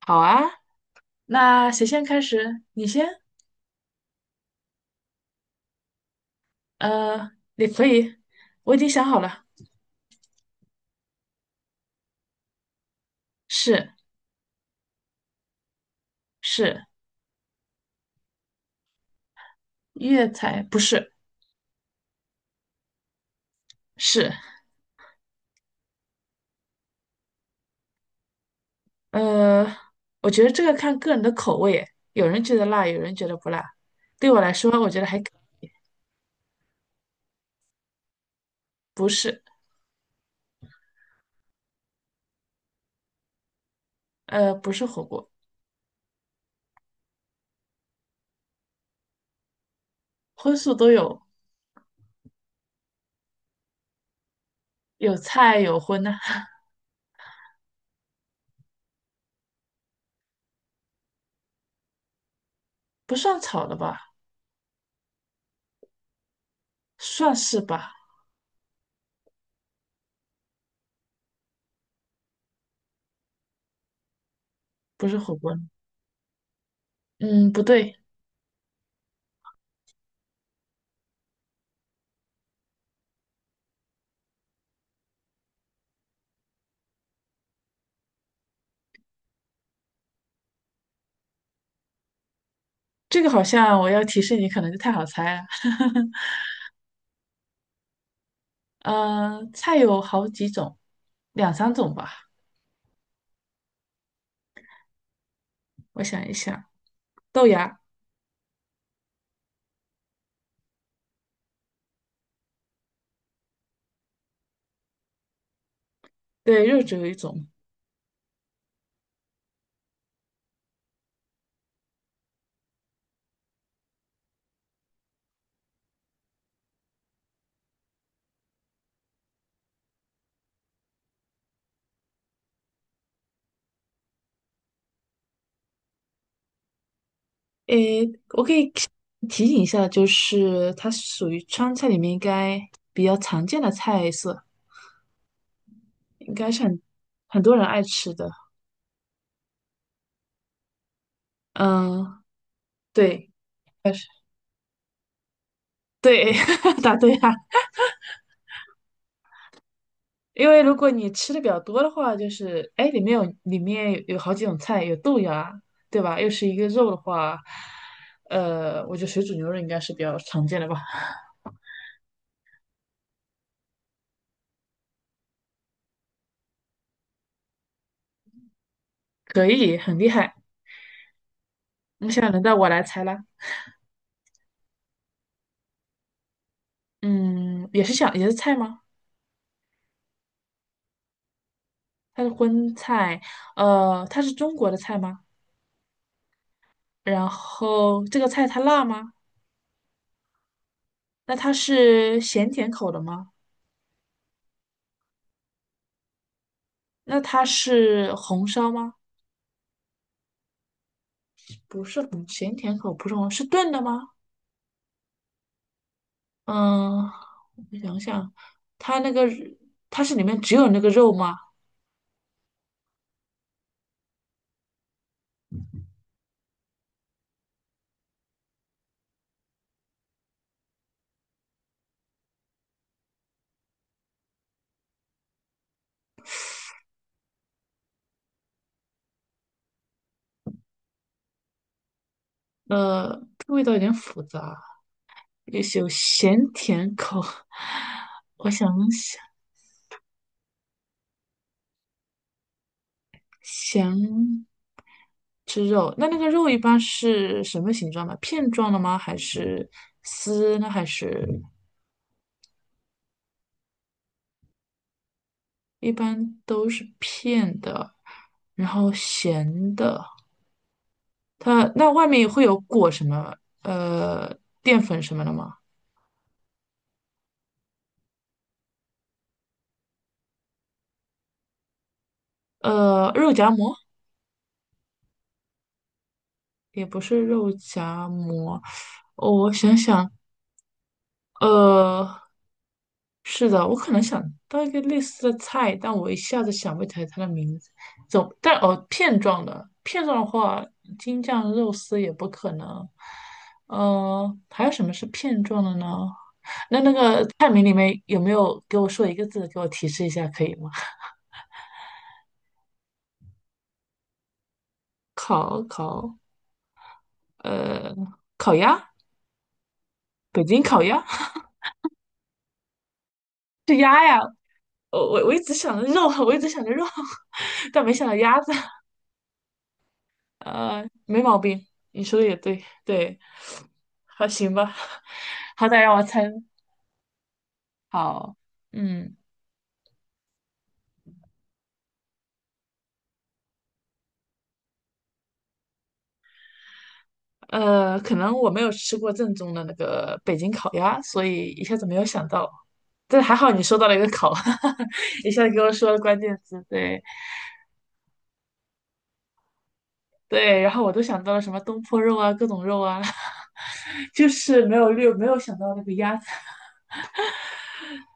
好啊，那谁先开始？你先？你可以，我已经想好了，是。是粤菜，不是。是。呃，我觉得这个看个人的口味耶，有人觉得辣，有人觉得不辣。对我来说，我觉得还不是。不是火锅。荤素都有，有菜有荤的。不算炒的吧？算是吧，不是火锅。嗯，不对。这个好像我要提示你，可能就太好猜了。嗯，菜有好几种，两三种吧。我想一想，豆芽，对，肉只有一种。诶，我可以提醒一下，就是它属于川菜里面应该比较常见的菜色，应该是很多人爱吃的。嗯，对，对，答对了。因为如果你吃的比较多的话，就是哎，里面有好几种菜，有豆芽啊，对吧？又是一个肉的话，我觉得水煮牛肉应该是比较常见的吧。可以，很厉害。那现在轮到我来猜啦。嗯，也是菜吗？它是荤菜，它是中国的菜吗？然后这个菜它辣吗？那它是咸甜口的吗？那它是红烧吗？不是红，咸甜口不是红，是炖的吗？嗯，我想想。它那个它是里面只有那个肉吗？呃，这个味道有点复杂，也许有咸甜口。我想想，咸吃肉，那那个肉一般是什么形状的？片状的吗？还是丝呢？还是一般都是片的，然后咸的。它那外面会有裹什么？呃，淀粉什么的吗？肉夹馍。也不是肉夹馍。哦，我想想，呃，是的，我可能想到一个类似的菜，但我一下子想不起来它的名字。总，但哦，片状的，片状的话，京酱肉丝也不可能。还有什么是片状的呢？那那个菜名里面有没有给我说一个字给我提示一下，可以吗？烤，呃，烤鸭，北京烤鸭。 是鸭呀，我一直想着肉。我一直想着肉，但没想到鸭子。没毛病，你说的也对，对，还行吧。好歹让我猜。好，嗯，可能我没有吃过正宗的那个北京烤鸭，所以一下子没有想到。但还好你说到了一个烤，一下子给我说了关键词，对，对，然后我都想到了什么东坡肉啊，各种肉啊，就是没有想到那个鸭子。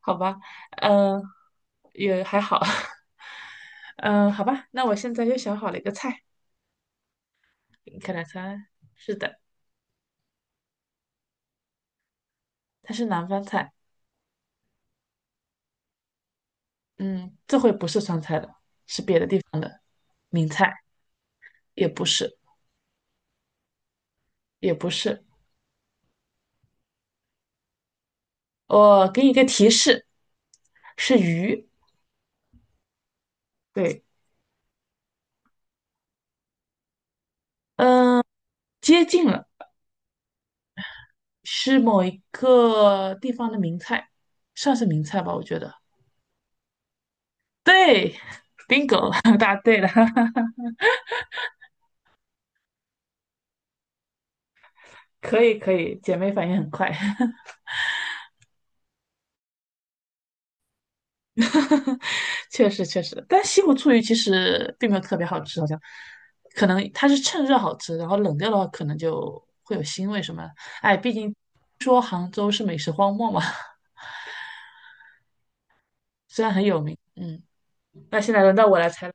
好吧，嗯，也还好。嗯，好吧，那我现在又想好了一个菜，你看，来猜，是的。它是南方菜，嗯，这回不是川菜了，是别的地方的名菜，也不是，也不是。我给你一个提示，是鱼，对，嗯，接近了，是某一个地方的名菜，算是名菜吧，我觉得，对 ，bingo，答对了。可以可以，姐妹反应很快。确实确实，但西湖醋鱼其实并没有特别好吃，好像可能它是趁热好吃，然后冷掉的话可能就会有腥味什么的。哎，毕竟说杭州是美食荒漠嘛，虽然很有名，嗯。那现在轮到我来猜了，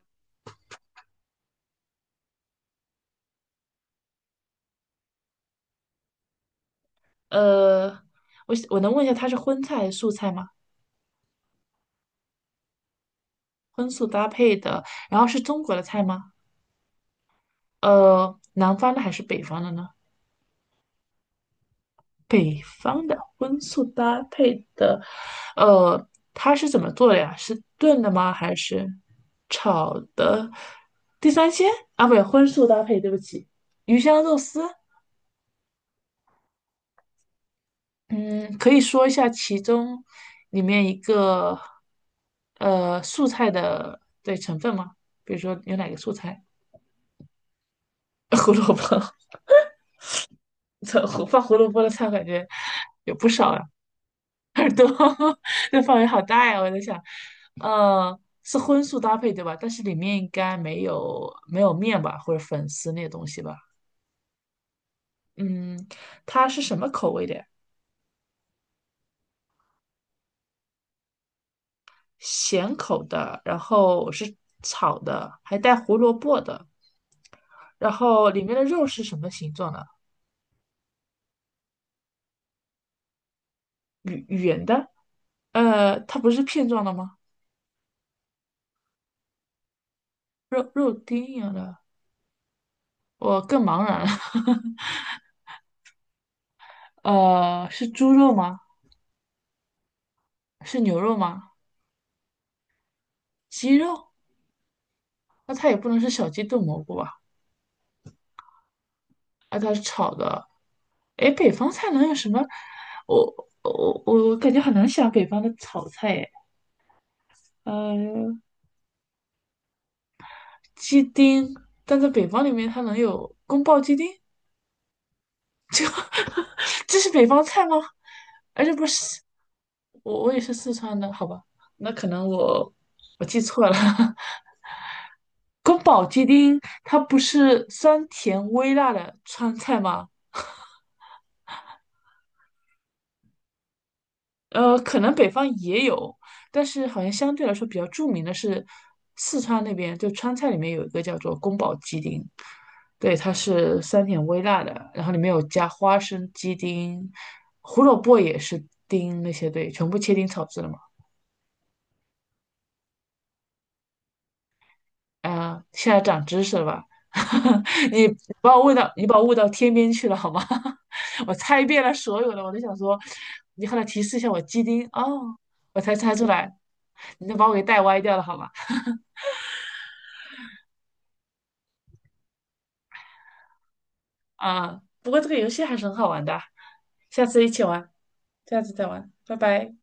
呃，我能问一下它是荤菜还是素菜吗？荤素搭配的，然后是中国的菜吗？南方的还是北方的呢？北方的荤素搭配的，呃，它是怎么做的呀？是炖的吗？还是炒的？地三鲜，啊，不对，荤素搭配，对不起，鱼香肉丝。嗯，可以说一下其中里面一个素菜的对成分吗？比如说有哪个素菜？胡萝卜，这胡萝卜的菜感觉有不少呀、耳朵 那范围好大呀！我在想，是荤素搭配对吧？但是里面应该没有面吧，或者粉丝那些东西吧？嗯，它是什么口味的呀？咸口的，然后是炒的，还带胡萝卜的，然后里面的肉是什么形状的？圆圆的？它不是片状的吗？肉丁一样的，我更茫然了。是猪肉吗？是牛肉吗？鸡肉？那它也不能是小鸡炖蘑菇吧？那它是炒的。哎，北方菜能有什么？我感觉很难想北方的炒菜哎。呃，鸡丁，但在北方里面它能有宫爆鸡丁？这这是北方菜吗？而且不是我也是四川的，好吧？那可能我记错了。宫保鸡丁它不是酸甜微辣的川菜吗？可能北方也有，但是好像相对来说比较著名的是四川那边，就川菜里面有一个叫做宫保鸡丁，对，它是酸甜微辣的，然后里面有加花生、鸡丁、胡萝卜也是丁那些，对，全部切丁炒制的嘛。啊，现在长知识了吧？你你把我问到天边去了好吗？我猜遍了所有的，我都想说，你后来提示一下我鸡丁哦，我才猜出来，你都把我给带歪掉了好吗？啊，不过这个游戏还是很好玩的啊。下次一起玩，下次再玩，拜拜。